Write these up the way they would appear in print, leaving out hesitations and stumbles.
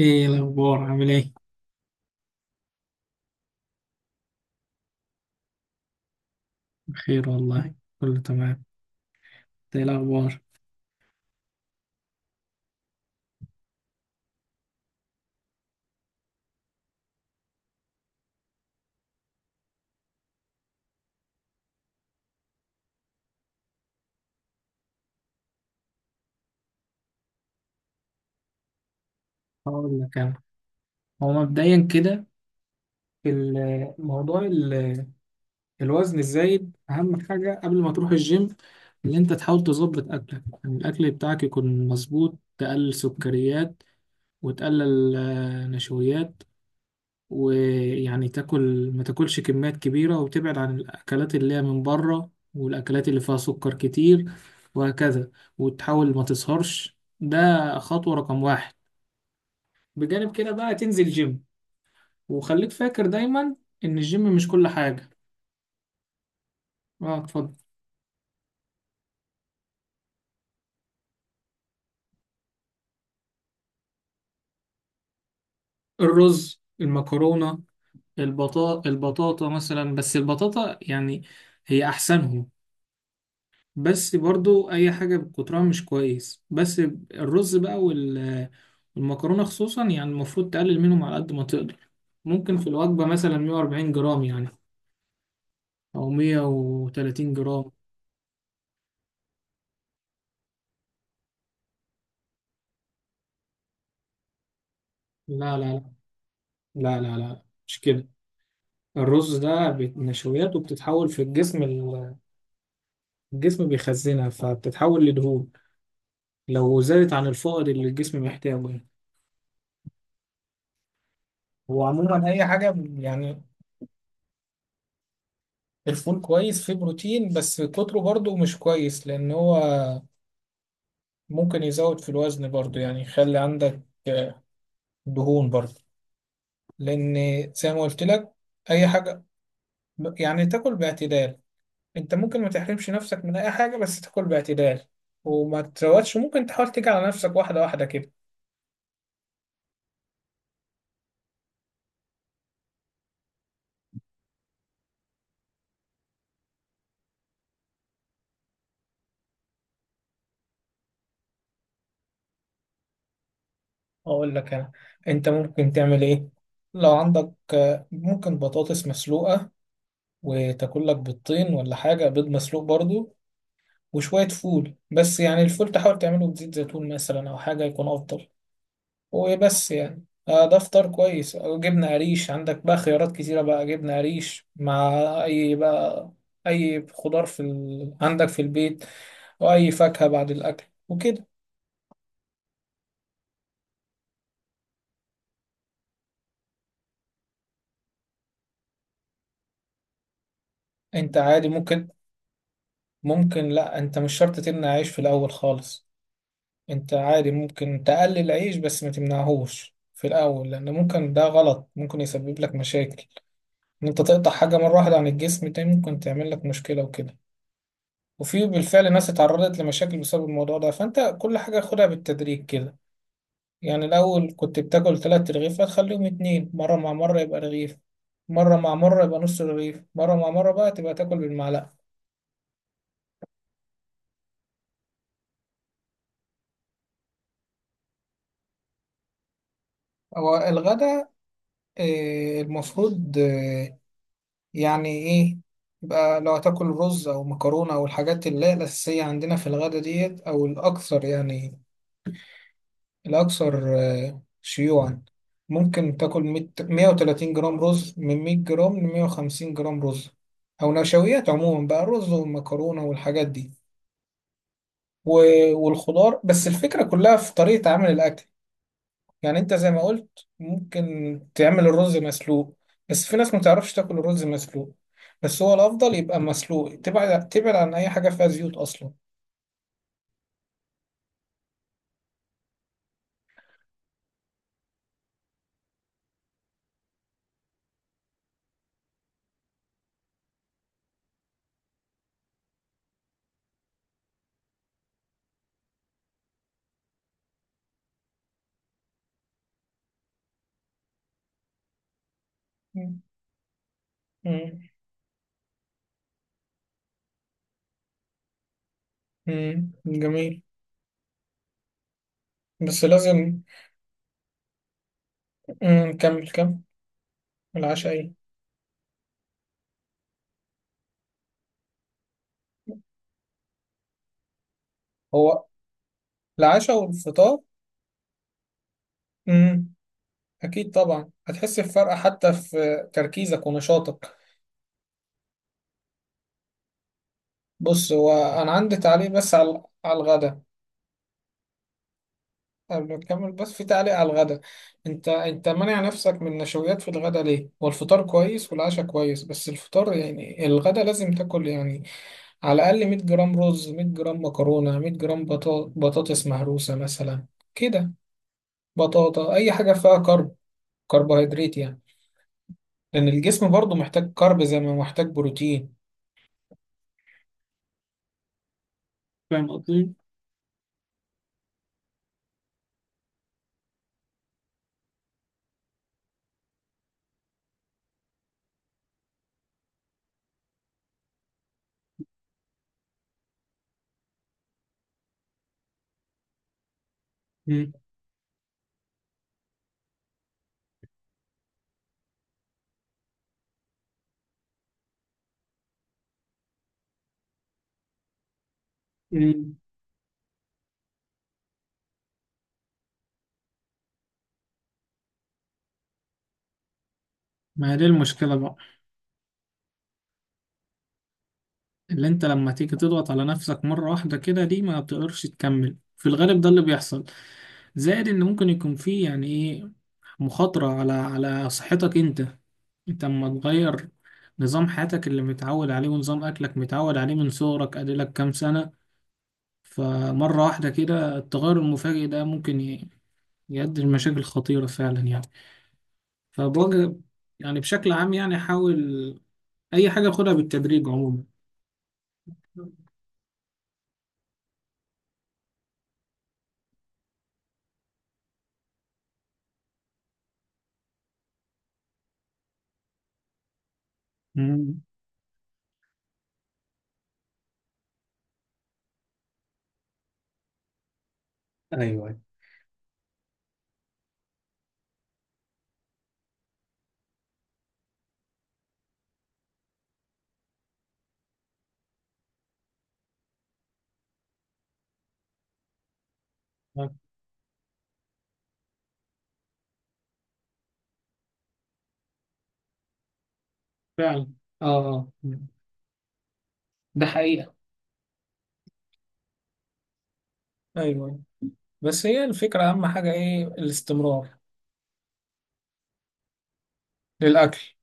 ايه الاخبار؟ عامل ايه؟ بخير والله. كله تمام. إنت ايه الاخبار؟ هقول لك انا. هو مبدئيا كده، في ال- موضوع ال- الوزن الزايد اهم حاجه قبل ما تروح الجيم، ان انت تحاول تظبط اكلك، يعني الاكل بتاعك يكون مظبوط، تقلل سكريات وتقلل نشويات، ويعني تاكل، ما تاكلش كميات كبيرة، وتبعد عن الأكلات اللي هي من بره والأكلات اللي فيها سكر كتير، وهكذا، وتحاول ما تسهرش. ده خطوة رقم واحد. بجانب كده بقى تنزل جيم، وخليك فاكر دايما إن الجيم مش كل حاجة. اه، اتفضل. الرز، المكرونة، البطاطا البطاطا مثلا، بس البطاطا يعني هي أحسنهم. بس برضو اي حاجة بكترها مش كويس. بس الرز بقى والمكرونة خصوصا، يعني المفروض تقلل منهم على قد ما تقدر. ممكن في الوجبة مثلا 140 جرام يعني، او 130 جرام. لا، لا، لا، لا، لا، لا، مش كده. الرز ده نشويات وبتتحول في الجسم. الجسم بيخزنها فبتتحول لدهون لو زادت عن الفائض اللي الجسم محتاجه يعني. هو عموما اي حاجه يعني. الفول كويس، فيه بروتين، بس كتره برضو مش كويس، لان هو ممكن يزود في الوزن برضو، يعني يخلي عندك آه، دهون برضو، لأن زي ما قلت لك أي حاجة يعني تاكل باعتدال. أنت ممكن ما تحرمش نفسك من أي حاجة، بس تاكل باعتدال، وما تروتش. ممكن تحاول تيجي على نفسك واحدة واحدة كده. أقول لك أنا، أنت ممكن تعمل إيه. لو عندك ممكن بطاطس مسلوقة، وتاكل لك بيضتين ولا حاجة، بيض مسلوق برضو، وشوية فول، بس يعني الفول تحاول تعمله بزيت زيتون مثلا، أو حاجة يكون أفضل. وبس، يعني ده فطار كويس، أو جبنة قريش. عندك بقى خيارات كتيرة بقى، جبنة قريش مع أي بقى، أي خضار عندك في البيت، أو أي فاكهة بعد الأكل وكده. أنت عادي ممكن. ممكن لأ، أنت مش شرط تمنع عيش في الأول خالص. أنت عادي ممكن تقلل عيش، بس ما تمنعهوش في الأول، لأن ممكن ده غلط، ممكن يسبب لك مشاكل، إن أنت تقطع حاجة مرة واحدة عن الجسم، ده ممكن تعمل لك مشكلة وكده، وفي بالفعل ناس اتعرضت لمشاكل بسبب الموضوع ده، فانت كل حاجة خدها بالتدريج كده. يعني الاول كنت بتاكل تلات رغيف، هتخليهم اتنين، مرة مع مرة يبقى رغيف، مرة مع مرة يبقى نص رغيف، مرة مع مرة بقى تبقى تاكل بالمعلقة. هو الغدا المفروض يعني ايه، يبقى لو هتاكل رز او مكرونة او الحاجات اللي هي الاساسية عندنا في الغدا ديت، او الاكثر يعني، الأكثر شيوعا، ممكن تاكل 100 130 جرام رز، من 100 جرام ل 150 جرام رز، أو نشويات عموما بقى، رز والمكرونة والحاجات دي، والخضار. بس الفكرة كلها في طريقة عمل الأكل، يعني أنت زي ما قلت ممكن تعمل الرز مسلوق. بس في ناس ما تعرفش تاكل الرز مسلوق، بس هو الأفضل يبقى مسلوق. تبعد تبعد عن أي حاجة فيها زيوت أصلا. مم. مم. مم. جميل. بس لازم. مم. كمل كمل. العشاء إيه؟ هو العشاء والفطار. امم. اكيد طبعا هتحس بفرق حتى في تركيزك ونشاطك. بص، هو انا عندي تعليق بس على الغدا. قبل ما نكمل بس، في تعليق على الغدا. انت انت مانع نفسك من النشويات في الغدا ليه؟ هو الفطار كويس والعشاء كويس، بس الفطار يعني الغدا لازم تاكل، يعني على الاقل 100 جرام رز، 100 جرام مكرونة، 100 جرام بطاطس مهروسة مثلا، كده، بطاطا، اي حاجة فيها كربوهيدرات يعني، لأن الجسم برضه محتاج كارب زي ما محتاج بروتين. فاهم قصدي؟ مم. مم. ما هي دي المشكلة بقى، اللي انت لما تيجي تضغط على نفسك مرة واحدة كده، دي ما بتقدرش تكمل في الغالب، ده اللي بيحصل. زائد ان ممكن يكون فيه يعني ايه، مخاطرة على صحتك انت. انت اما تغير نظام حياتك اللي متعود عليه ونظام اكلك متعود عليه من صغرك، اديلك كام سنة، فمرة واحدة كده التغير المفاجئ ده ممكن يؤدي لمشاكل خطيرة فعلا يعني. فبوجه، يعني بشكل عام، يعني حاول أي حاجة خدها بالتدريج عموما. مم. ايوه. أيوة. فعلا. اه. آه. ده حقيقة. أيوه، بس هي الفكرة أهم حاجة إيه؟ الاستمرار. للأكل.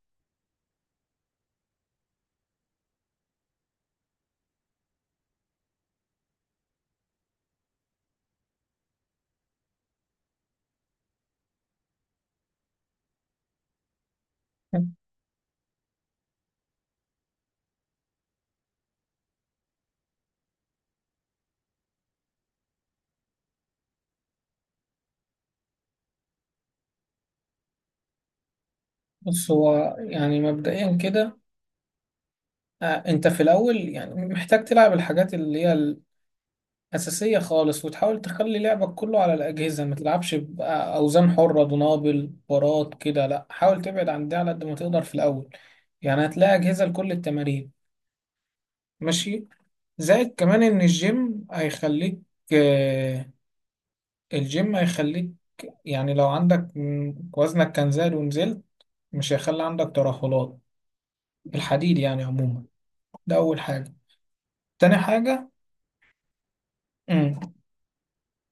بص، هو يعني مبدئيا كده أنت في الأول يعني محتاج تلعب الحاجات اللي هي أساسية خالص، وتحاول تخلي لعبك كله على الأجهزة، ما تلعبش بأوزان حرة، دنابل، بارات كده، لأ، حاول تبعد عن ده على قد ما تقدر في الأول. يعني هتلاقي أجهزة لكل التمارين. ماشي. زائد كمان إن آه، الجيم هيخليك، يعني لو عندك وزنك كان زاد ونزلت، مش هيخلي عندك ترهلات. الحديد يعني عموما. ده أول حاجة. تاني حاجة. مم.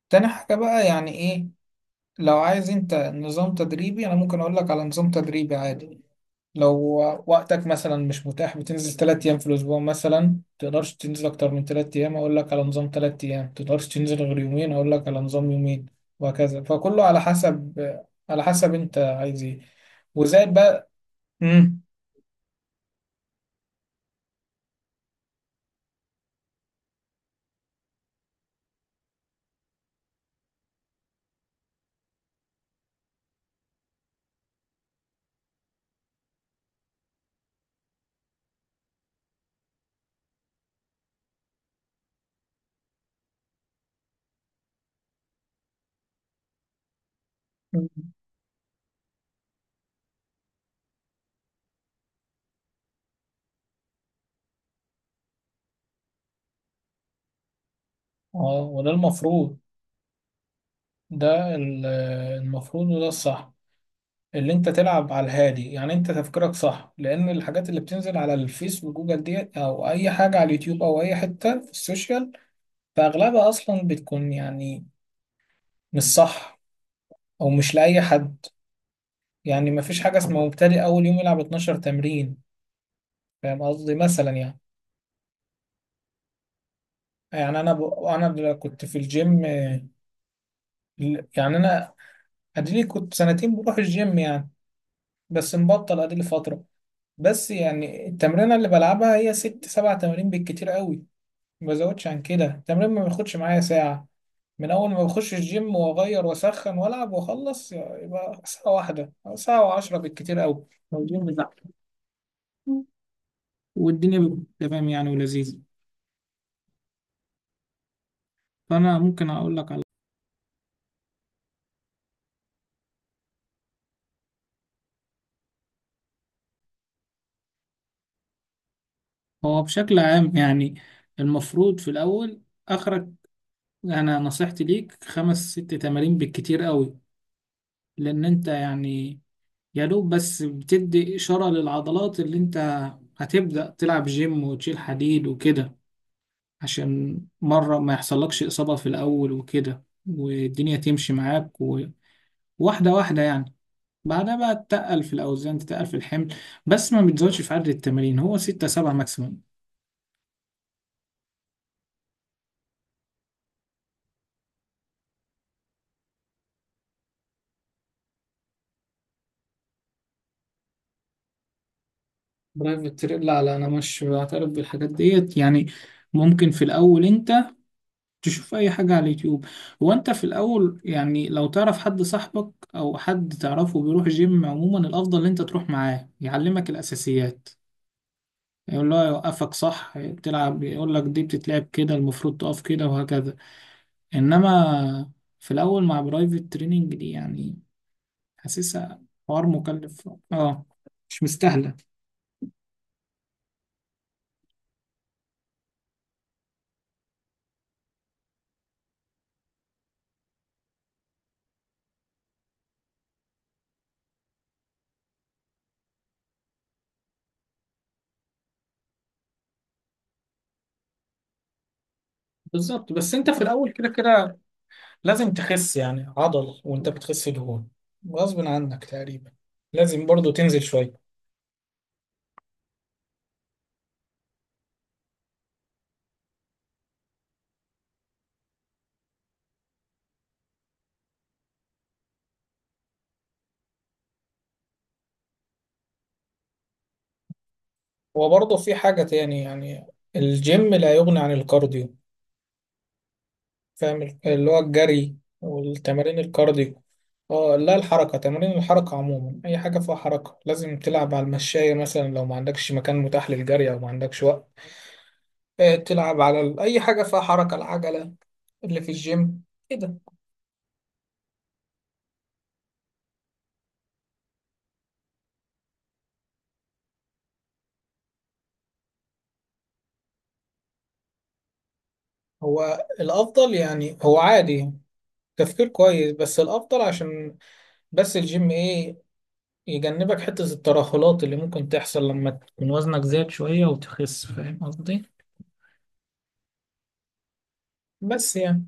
تاني حاجة بقى يعني إيه، لو عايز انت نظام تدريبي، انا ممكن اقول لك على نظام تدريبي عادي. لو وقتك مثلا مش متاح، بتنزل ثلاث ايام في الاسبوع مثلا، تقدرش تنزل اكتر من ثلاث ايام، اقول لك على نظام ثلاث ايام. تقدرش تنزل غير يومين، اقول لك على نظام يومين. وهكذا، فكله على حسب، على حسب انت عايز ايه. وزائد بقى. امم. اه، وده المفروض، ده ال- المفروض وده الصح، اللي انت تلعب على الهادي. يعني انت تفكيرك صح، لان الحاجات اللي بتنزل على الفيس وجوجل دي، او اي حاجة على اليوتيوب، او اي حتة في السوشيال، فاغلبها اصلا بتكون يعني مش صح، او مش لاي حد. يعني مفيش حاجة اسمها مبتدئ اول يوم يلعب 12 تمرين. فاهم قصدي، مثلا يعني. كنت في الجيم يعني انا اديلي كنت سنتين بروح الجيم يعني، بس مبطل اديلي فترة. بس يعني التمرينة اللي بلعبها هي ست سبع تمارين بالكتير قوي، ما بزودش عن كده. التمرين ما بياخدش معايا ساعة، من أول ما بخش الجيم وأغير وأسخن وألعب وأخلص، يبقى ساعة واحدة أو ساعة وعشرة بالكتير أوي، لو الجيم زحمة. والدنيا بتبقى تمام يعني، ولذيذة. فأنا ممكن أقول لك على، هو بشكل عام يعني، المفروض في الأول، آخرك، أنا نصيحتي ليك خمس ست تمارين بالكتير أوي، لأن أنت يعني يا دوب بس بتدي إشارة للعضلات. اللي أنت هتبدأ تلعب جيم وتشيل حديد وكده، عشان مرة ما يحصلكش إصابة في الأول وكده، والدنيا تمشي معاك وواحدة واحدة يعني. بعدها بقى تتقل في الأوزان، تتقل في الحمل، بس ما بتزودش في عدد التمارين، هو ستة سبعة ماكسيموم. برايفت تريل، لا، لا، أنا مش بعترف بالحاجات ديت يعني. ممكن في الأول أنت تشوف أي حاجة على اليوتيوب. هو أنت في الأول يعني، لو تعرف حد، صاحبك أو حد تعرفه بيروح جيم، عموما الأفضل إن أنت تروح معاه يعلمك الأساسيات، يقول له يوقفك صح، تلعب يقول لك دي بتتلعب كده، المفروض تقف كده، وهكذا. انما في الاول مع برايفت تريننج دي، يعني حاسسها حوار مكلف، اه، مش مستاهله. بالظبط، بس انت في الاول كده كده لازم تخس يعني عضل وانت بتخس دهون، غصب عنك تقريبا. لازم برضو تنزل شوية. وبرضو في حاجة تاني يعني، الجيم لا يغني عن الكارديو، فاهم، اللي هو الجري والتمارين الكارديو. اه لا، الحركة، تمارين الحركة عموما، أي حاجة فيها حركة، لازم تلعب على المشاية مثلا، لو ما عندكش مكان متاح للجري أو ما عندكش وقت. تلعب على أي حاجة فيها حركة، العجلة اللي في الجيم كده. هو الأفضل يعني، هو عادي، تفكير كويس، بس الأفضل عشان، بس الجيم إيه، يجنبك حتة الترهلات اللي ممكن تحصل لما تكون وزنك زاد شوية وتخس. فاهم قصدي؟ بس يعني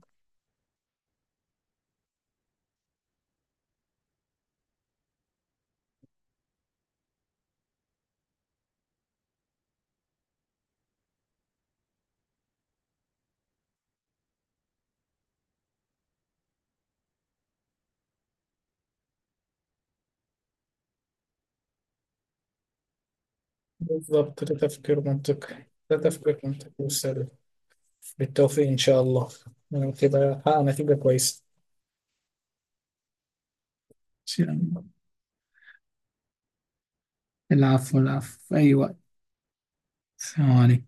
بالظبط، ده تفكير منطقي، ده تفكير منطقي وسليم. بالتوفيق إن شاء الله، ونبقى كده حققنا نتيجة كويسة. إن شاء الله. العفو، العفو، في أي وقت. السلام عليكم.